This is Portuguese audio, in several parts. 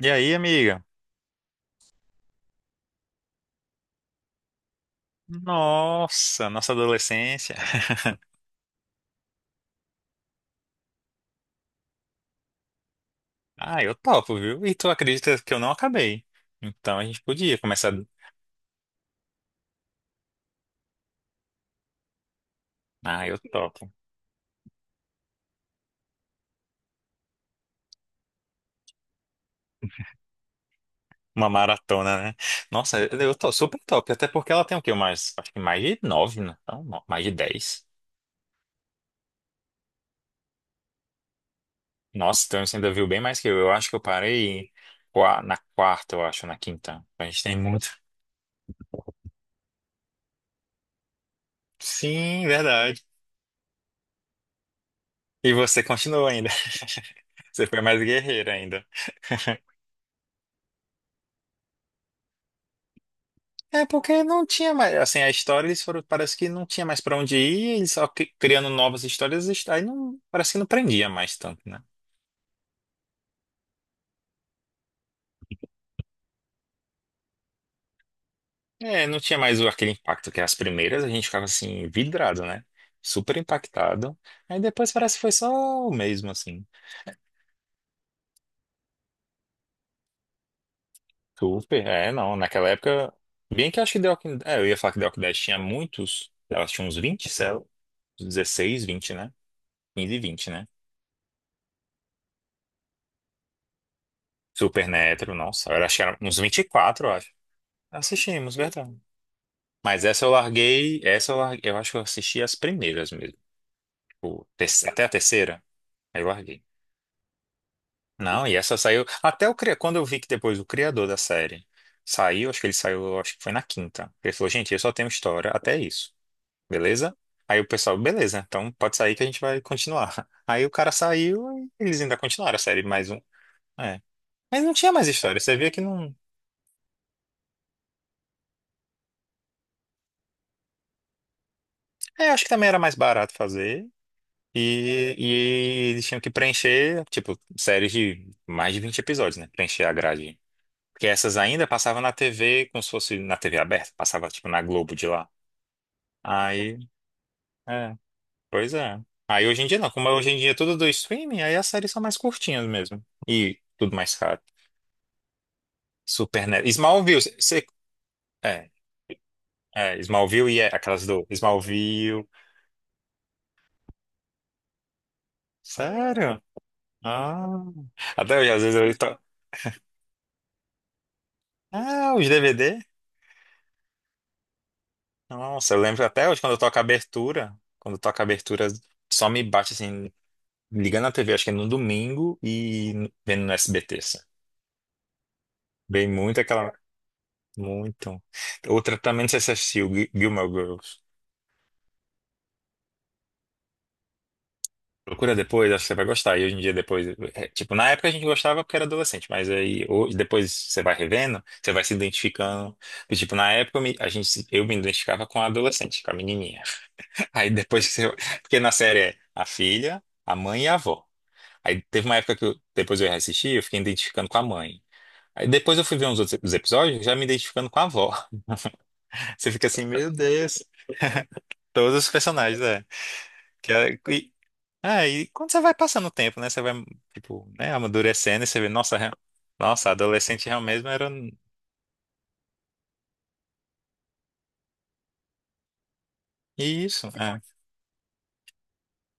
E aí, amiga? Nossa, nossa adolescência. Ah, eu topo, viu? E tu acredita que eu não acabei? Então a gente podia começar. Ah, eu topo. Uma maratona, né? Nossa, eu tô super top. Até porque ela tem o quê? Mais, acho que mais de nove, né? Não, não, mais de 10. Nossa, então você ainda viu bem mais que eu. Eu acho que eu parei na quarta, eu acho, na quinta. A gente tem muito. Sim, verdade. E você continua ainda. Você foi mais guerreira ainda. É porque não tinha mais, assim, a história eles foram, parece que não tinha mais pra onde ir, eles só criando novas histórias, aí não, parece que não prendia mais tanto, né? É, não tinha mais aquele impacto que as primeiras a gente ficava assim vidrado, né? Super impactado. Aí depois parece que foi só o mesmo assim. Super, é, não, naquela época, bem que eu acho que The Walking, é, eu ia falar que The Walking Dead tinha muitos, elas tinham uns 20 sei lá, uns 16, 20, né? 15 e 20, né? Supernatural, nossa, eu acho que era uns 24, eu acho. Assistimos, verdade. Mas essa eu larguei, eu acho que eu assisti as primeiras mesmo, tipo, até a terceira, aí eu larguei. Não, e essa saiu, até o quando eu vi que depois o criador da série saiu, acho que ele saiu, acho que foi na quinta. Ele falou, gente, eu só tenho história, até isso, beleza? Aí o pessoal, beleza, então pode sair que a gente vai continuar. Aí o cara saiu e eles ainda continuaram a série mais um. É. Mas não tinha mais história, você via que não. É, acho que também era mais barato fazer. E eles tinham que preencher, tipo, séries de mais de 20 episódios, né? Preencher a grade. Porque essas ainda passavam na TV, como se fosse na TV aberta, passava, tipo, na Globo de lá. Aí, é, pois é. Aí hoje em dia não, como hoje em dia é tudo do streaming, aí as séries são mais curtinhas mesmo. E tudo mais caro. Supernatural. Smallville, você. É, é, Smallville e é, aquelas do. Smallville. Sério? Ah. Até hoje, às vezes eu. Ah, os DVD? Nossa, eu lembro até hoje quando eu toco a abertura. Quando eu toco a abertura, só me bate assim, ligando a TV, acho que é no domingo e vendo no SBT. Assim. Bem muito aquela. Muito. Outra também, não sei se você assistiu, Gilmore Girls. Procura depois, acho que você vai gostar. E hoje em dia, depois. É, tipo, na época a gente gostava porque era adolescente, mas aí hoje, depois você vai revendo, você vai se identificando. E, tipo, na época eu me, a gente, eu me identificava com a adolescente, com a menininha. Aí depois que você. Porque na série é a filha, a mãe e a avó. Aí teve uma época que depois eu reassisti, eu fiquei identificando com a mãe. Aí depois eu fui ver uns outros os episódios, já me identificando com a avó. Você fica assim, meu Deus, todos os personagens, é. Que, e, ah, e quando você vai passando o tempo, né? Você vai, tipo, né, amadurecendo e você vê, nossa, nossa, adolescente realmente era um, isso. é."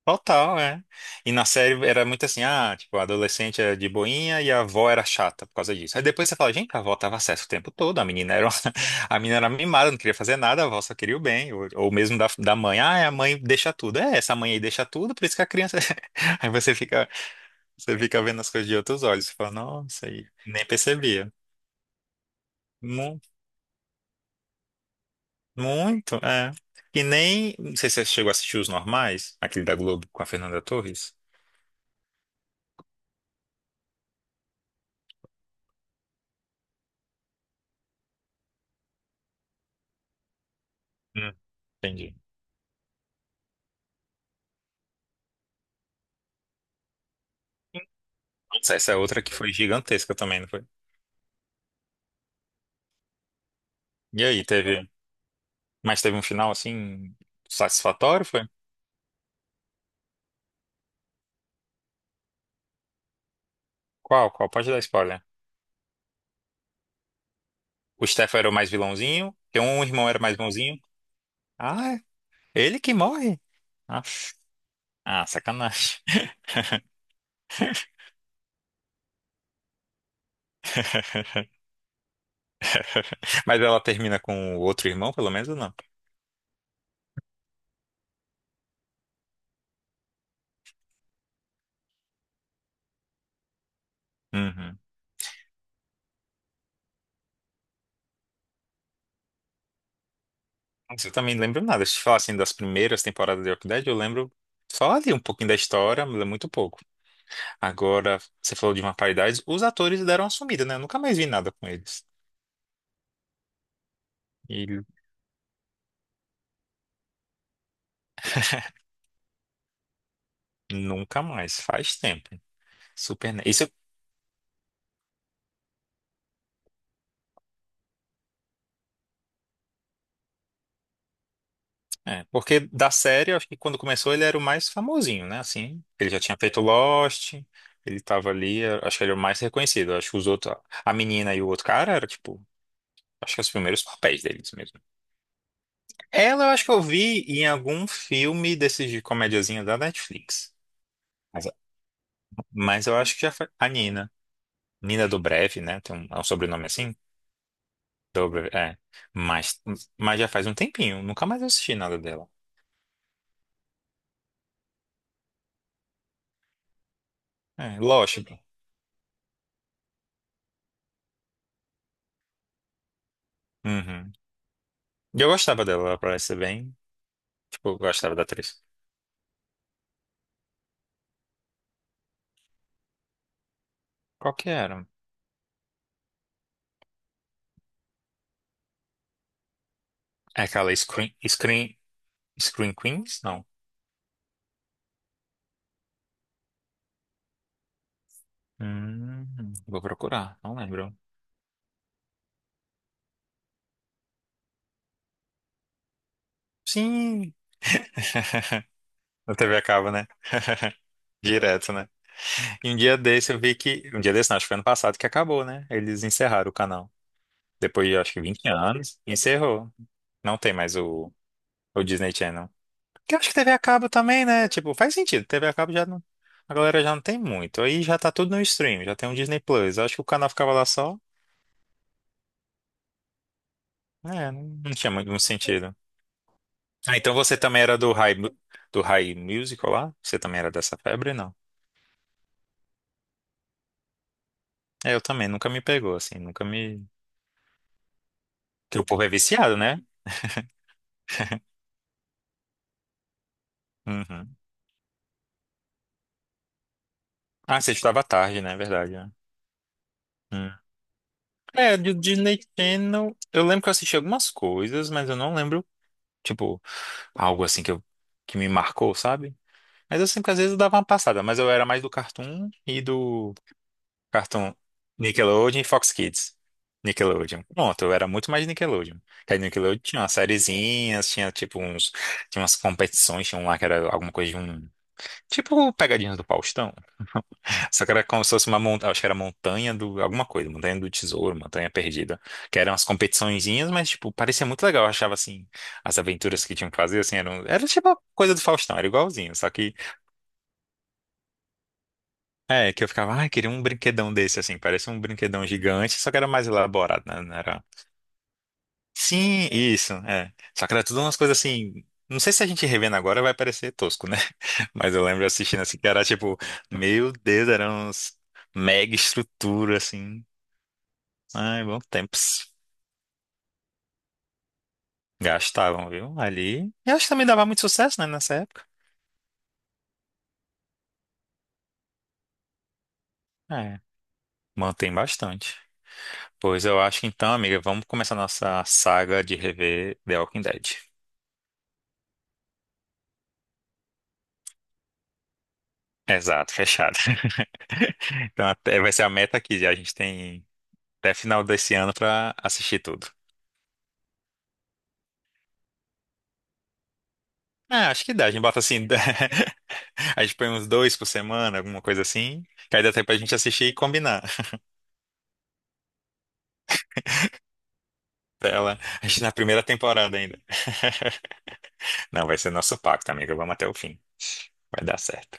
Total, é. E na série era muito assim, ah, tipo, a adolescente era de boinha e a avó era chata por causa disso. Aí depois você fala, gente, a avó tava certa o tempo todo, a menina era, a menina era mimada, não queria fazer nada, a avó só queria o bem. Ou mesmo da mãe, ah, é, a mãe deixa tudo. É, essa mãe aí deixa tudo, por isso que a criança... Aí você fica vendo as coisas de outros olhos, você fala, nossa, aí nem percebia. Mu- Muito, é. E nem, não sei se você chegou a assistir Os Normais, aquele da Globo com a Fernanda Torres. Hum, Entendi. Essa é outra que foi gigantesca também, não foi? E aí, teve. Mas teve um final assim satisfatório, foi? Qual? Qual? Pode dar spoiler. O Stefan era o mais vilãozinho, que um irmão era mais bonzinho. Ah, é ele que morre. Ah, ah, sacanagem. Mas ela termina com o outro irmão, pelo menos, ou não? Uhum. Nossa, eu também não lembro nada. Se eu te falar assim das primeiras temporadas de Walking Dead, eu lembro só ali um pouquinho da história, mas é muito pouco. Agora, você falou de uma paridade, os atores deram uma sumida, né? Eu nunca mais vi nada com eles. E nunca mais, faz tempo. Super. Isso é, porque da série, eu acho que quando começou ele era o mais famosinho, né? Assim, ele já tinha feito Lost, ele tava ali, eu acho que ele era o mais reconhecido. Eu acho que os outros, a menina e o outro cara, era tipo, acho que os primeiros papéis deles mesmo. Ela, eu acho que eu vi em algum filme desses de comediazinha da Netflix. Mas, mas eu acho que já foi a Nina. Nina Dobrev, né? Tem um, é um sobrenome assim? Dobrev, é. Mas, mas já faz um tempinho, nunca mais assisti nada dela. É, Lost. Uhum. E eu gostava dela, ela parece bem. Tipo, eu gostava da atriz. Qual que era? É aquela Screen Queens? Não. Vou procurar, não lembro. Sim! Na TV a cabo, né? Direto, né? E um dia desse eu vi que. Um dia desse, não, acho que foi ano passado que acabou, né? Eles encerraram o canal. Depois de acho que 20 anos, encerrou. Não tem mais o Disney Channel. Que eu acho que TV a cabo também, né? Tipo, faz sentido. TV a cabo já não. A galera já não tem muito. Aí já tá tudo no stream, já tem um Disney Plus. Eu acho que o canal ficava lá só. É, não, não tinha muito muito sentido. Ah, então você também era do High, do High Musical lá? Você também era dessa febre, não? É, eu também, nunca me pegou, assim, nunca me. Porque o povo é viciado, né? Uhum. Ah, você estudava tarde, né? É verdade, né? Hum. É, do Disney Channel. Eu lembro que eu assisti algumas coisas, mas eu não lembro, tipo, algo assim que, eu, que me marcou, sabe? Mas eu sempre, às vezes, eu dava uma passada, mas eu era mais do Cartoon e do Cartoon Nickelodeon e Fox Kids. Nickelodeon. Pronto, eu era muito mais Nickelodeon. Que aí Nickelodeon tinha umas sériezinhas, tinha tipo uns. Tinha umas competições, tinha um lá que era alguma coisa de um. Tipo Pegadinhas do Faustão. Só que era como se fosse uma montanha. Acho que era montanha do. Alguma coisa, montanha do tesouro, montanha perdida. Que eram as competiçõezinhas, mas, tipo, parecia muito legal. Eu achava assim. As aventuras que tinham que fazer, assim, eram. Era tipo a coisa do Faustão, era igualzinho. Só que é, que eu ficava, ai, queria um brinquedão desse, assim, parece um brinquedão gigante, só que era mais elaborado, né? Não era... Sim, isso, é. Só que era tudo umas coisas assim. Não sei se a gente revendo agora vai parecer tosco, né? Mas eu lembro assistindo assim, que era tipo, meu Deus, eram uns mega estrutura, assim. Ai, bons tempos. Gastavam, viu? Ali. E acho que também dava muito sucesso, né, nessa época. É, mantém bastante. Pois eu acho que então, amiga, vamos começar nossa saga de rever The Walking Dead. Exato, fechado. Então até vai ser a meta aqui. A gente tem até final desse ano pra assistir tudo. Ah, acho que dá. A gente bota assim. A gente põe uns dois por semana, alguma coisa assim. Que aí dá tempo pra gente assistir e combinar. Pra ela, a gente na primeira temporada ainda. Não, vai ser nosso pacto, amiga. Vamos até o fim. Vai dar certo.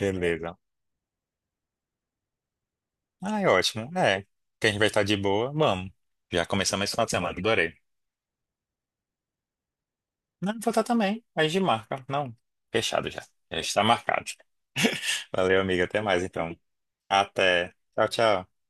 Beleza. Ah, é ótimo. É. Que a gente vai estar de boa. Vamos. Já começamos esse final de semana. Adorei. Não, vou estar também. A gente marca. Não. Fechado já. Já está marcado. Valeu, amiga. Até mais, então. Até. Tchau, tchau.